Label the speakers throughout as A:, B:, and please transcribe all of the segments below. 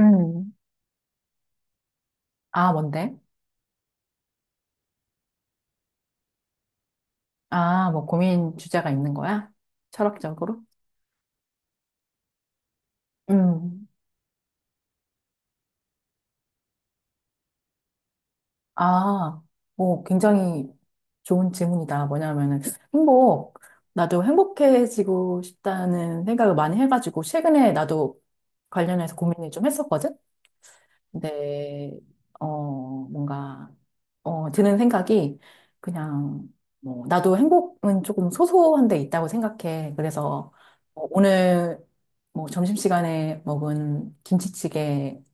A: 음. 아, 뭔데? 아, 뭐 고민 주제가 있는 거야? 철학적으로? 음. 아, 뭐 굉장히 좋은 질문이다. 뭐냐면은 행복. 나도 행복해지고 싶다는 생각을 많이 해가지고 최근에 나도 관련해서 고민을 좀 했었거든? 근데 어, 뭔가, 드는 생각이 그냥, 뭐, 나도 행복은 조금 소소한 데 있다고 생각해. 그래서 오늘 뭐 점심시간에 먹은 김치찌개의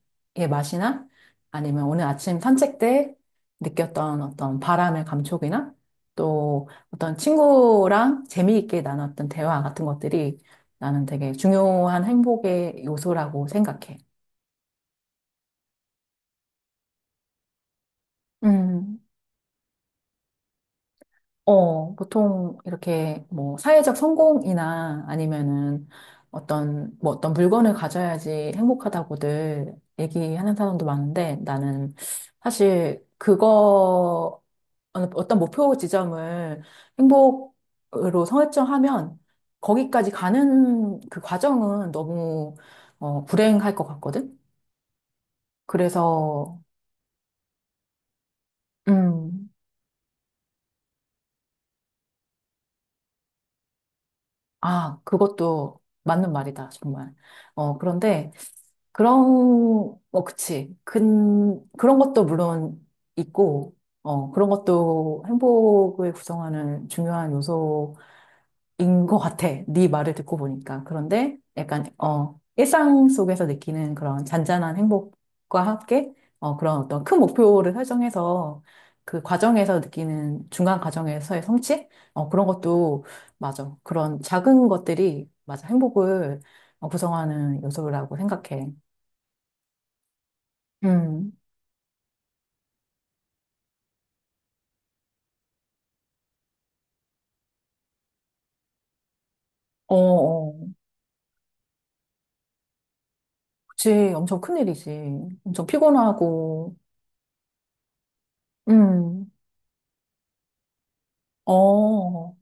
A: 맛이나 아니면 오늘 아침 산책 때 느꼈던 어떤 바람의 감촉이나 또 어떤 친구랑 재미있게 나눴던 대화 같은 것들이 나는 되게 중요한 행복의 요소라고 생각해. 음. 보통 이렇게 뭐 사회적 성공이나 아니면은 어떤 뭐 어떤 물건을 가져야지 행복하다고들 얘기하는 사람도 많은데 나는 사실 그거 어떤 목표 지점을 행복으로 설정하면 거기까지 가는 그 과정은 너무 불행할 것 같거든. 그래서. 음. 아, 그것도 맞는 말이다, 정말. 그런데, 그런, 그치. 그런 것도 물론 있고, 그런 것도 행복을 구성하는 중요한 요소가 인 것 같아. 네 말을 듣고 보니까. 그런데 약간 일상 속에서 느끼는 그런 잔잔한 행복과 함께 그런 어떤 큰 목표를 설정해서 그 과정에서 느끼는 중간 과정에서의 성취? 그런 것도 맞아. 그런 작은 것들이 맞아. 행복을 구성하는 요소라고 생각해. 음. 어, 어. 그치. 엄청 큰일이지. 엄청 피곤하고. 음. 어.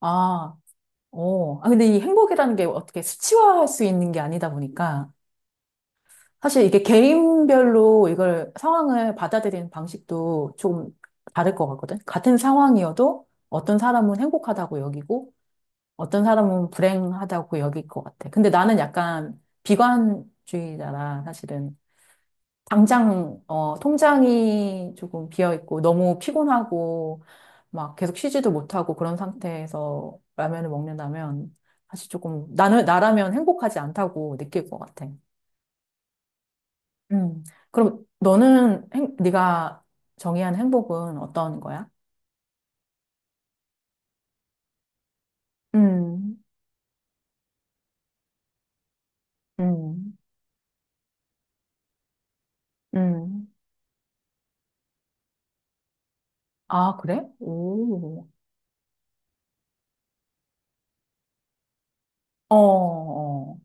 A: 아. 아, 근데 이 행복이라는 게 어떻게 수치화할 수 있는 게 아니다 보니까 사실 이게 개인별로 이걸 상황을 받아들이는 방식도 좀 다를 것 같거든. 같은 상황이어도 어떤 사람은 행복하다고 여기고 어떤 사람은 불행하다고 여길 것 같아. 근데 나는 약간 비관주의자라 사실은 당장 통장이 조금 비어 있고 너무 피곤하고 막 계속 쉬지도 못하고 그런 상태에서 라면을 먹는다면 사실 조금 나는 나라면 행복하지 않다고 느낄 것 같아. 음. 그럼 너는 네가 정의한 행복은 어떤 거야? 음, 음, 음. 아, 그래? 오. 어, 어.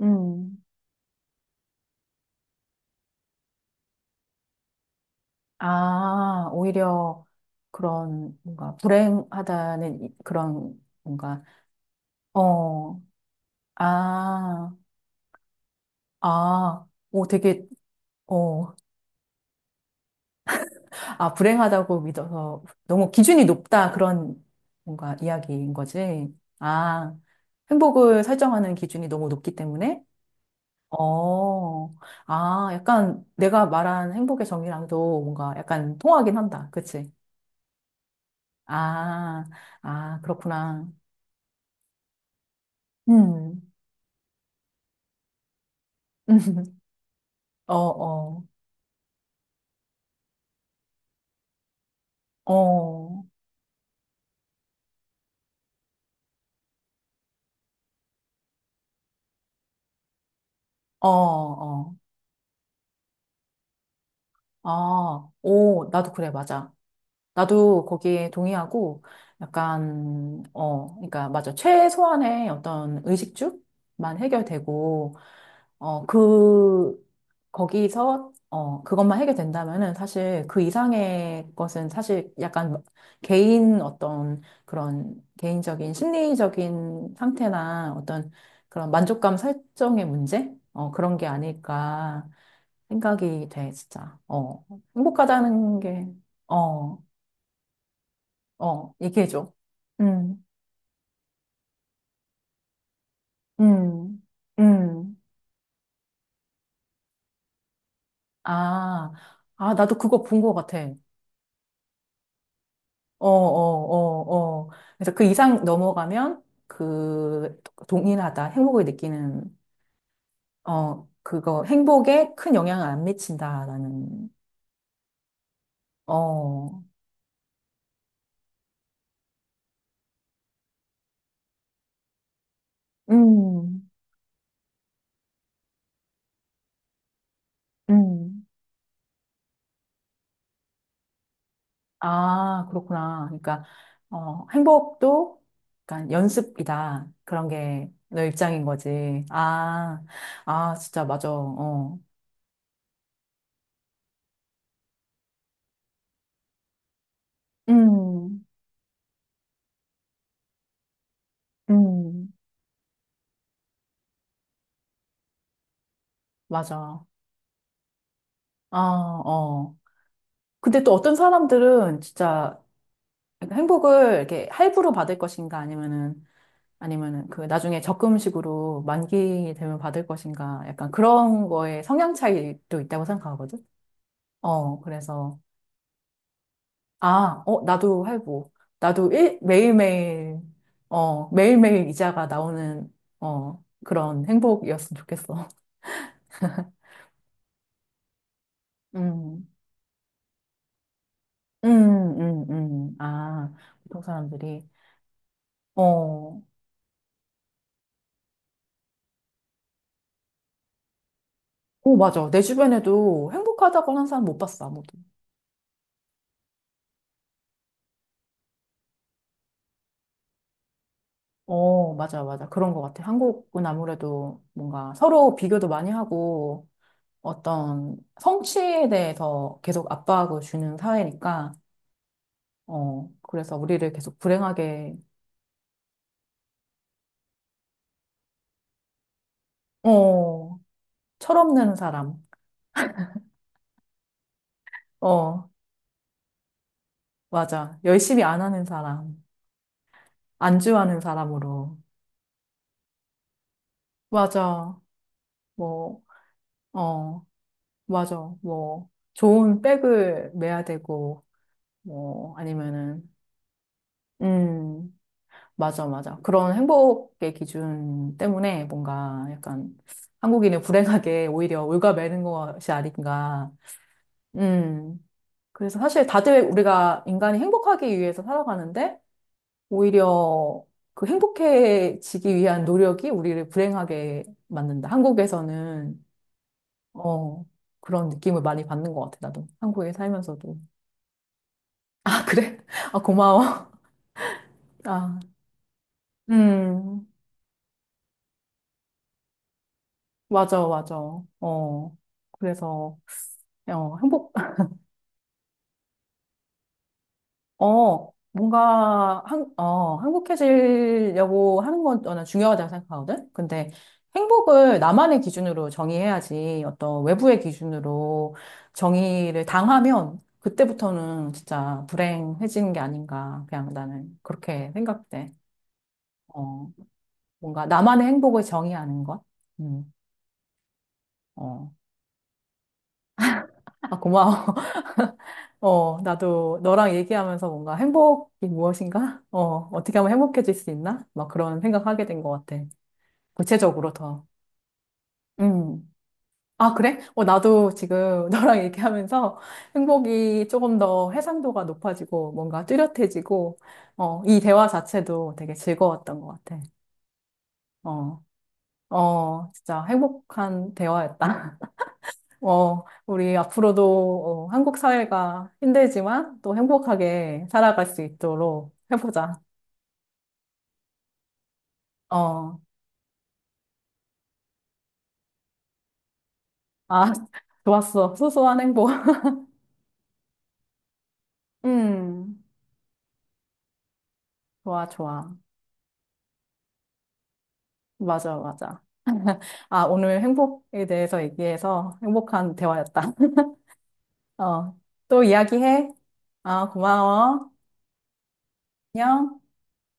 A: 음. 아, 오히려 그런 뭔가 불행하다는 그런 뭔가, 어, 아, 아, 오, 어, 아, 불행하다고 믿어서 너무 기준이 높다 그런 뭔가 이야기인 거지. 아, 행복을 설정하는 기준이 너무 높기 때문에? 어, 아, 약간 내가 말한 행복의 정의랑도 뭔가 약간 통하긴 한다. 그치? 아, 아, 그렇구나. 음. 어, 어, 어, 어, 어, 아, 오, 나도 그래, 맞아. 나도 거기에 동의하고 약간 그러니까 맞아 최소한의 어떤 의식주만 해결되고 어 그 거기서 그것만 해결된다면은 사실 그 이상의 것은 사실 약간 개인 어떤 그런 개인적인 심리적인 상태나 어떤 그런 만족감 설정의 문제 그런 게 아닐까 생각이 돼 진짜 행복하다는 게. 어. 어, 얘기해줘. 음, 음, 음. 아, 아, 나도 그거 본 것 같아. 어, 어, 어, 어. 그래서 그 이상 넘어가면 동일하다. 행복을 느끼는, 그거 행복에 큰 영향을 안 미친다라는, 어, 음, 음. 아, 그렇구나. 그러니까, 행복도 약간 연습이다. 그런 게 너 입장인 거지. 아. 아, 진짜, 맞아. 어. 음, 음, 맞아. 아, 어. 근데 또 어떤 사람들은 진짜 행복을 이렇게 할부로 받을 것인가 아니면은, 그 나중에 적금식으로 만기 되면 받을 것인가 약간 그런 거에 성향 차이도 있다고 생각하거든. 그래서, 아, 어, 나도 할부. 나도 매일매일 이자가 나오는, 그런 행복이었으면 좋겠어. 음. 아, 보통 사람들이. 어, 오, 맞아. 내 주변에도 행복하다고 하는 사람 못 봤어, 아무도. 어, 맞아, 맞아. 그런 것 같아. 한국은 아무래도 뭔가 서로 비교도 많이 하고 어떤 성취에 대해서 계속 압박을 주는 사회니까, 그래서 우리를 계속 불행하게, 어, 철없는 사람, 어, 맞아. 열심히 안 하는 사람, 안주하는 사람으로. 맞아. 뭐, 어. 맞아. 뭐, 좋은 백을 매야 되고, 뭐, 아니면은, 음, 맞아, 맞아. 그런 행복의 기준 때문에 뭔가 약간 한국인은 불행하게 오히려 올가매는 것이 아닌가. 음, 그래서 사실 다들 우리가 인간이 행복하기 위해서 살아가는데, 오히려 그 행복해지기 위한 노력이 우리를 불행하게 만든다. 한국에서는, 어, 그런 느낌을 많이 받는 것 같아, 나도. 한국에 살면서도. 아, 그래? 아, 고마워. 아, 음, 맞아, 맞아. 어, 그래서, 어, 행복, 뭔가, 행복해지려고 하는 건 저는 중요하다고 생각하거든? 근데 행복을 나만의 기준으로 정의해야지 어떤 외부의 기준으로 정의를 당하면 그때부터는 진짜 불행해지는 게 아닌가. 그냥 나는 그렇게 생각돼. 어, 뭔가 나만의 행복을 정의하는 것? 음, 어. 아, 고마워. 나도 너랑 얘기하면서 뭔가 행복이 무엇인가? 어, 어떻게 하면 행복해질 수 있나? 막 그런 생각하게 된 것 같아. 구체적으로 더. 음. 아, 그래? 나도 지금 너랑 얘기하면서 행복이 조금 더 해상도가 높아지고 뭔가 뚜렷해지고, 이 대화 자체도 되게 즐거웠던 것 같아. 어, 어, 진짜 행복한 대화였다. 어, 우리 앞으로도 한국 사회가 힘들지만 또 행복하게 살아갈 수 있도록 해보자. 어, 아, 좋았어. 소소한 행복. 음, 좋아, 좋아. 맞아, 맞아. 아, 오늘 행복에 대해서 얘기해서 행복한 대화였다. 어, 또 이야기해. 아, 고마워. 안녕.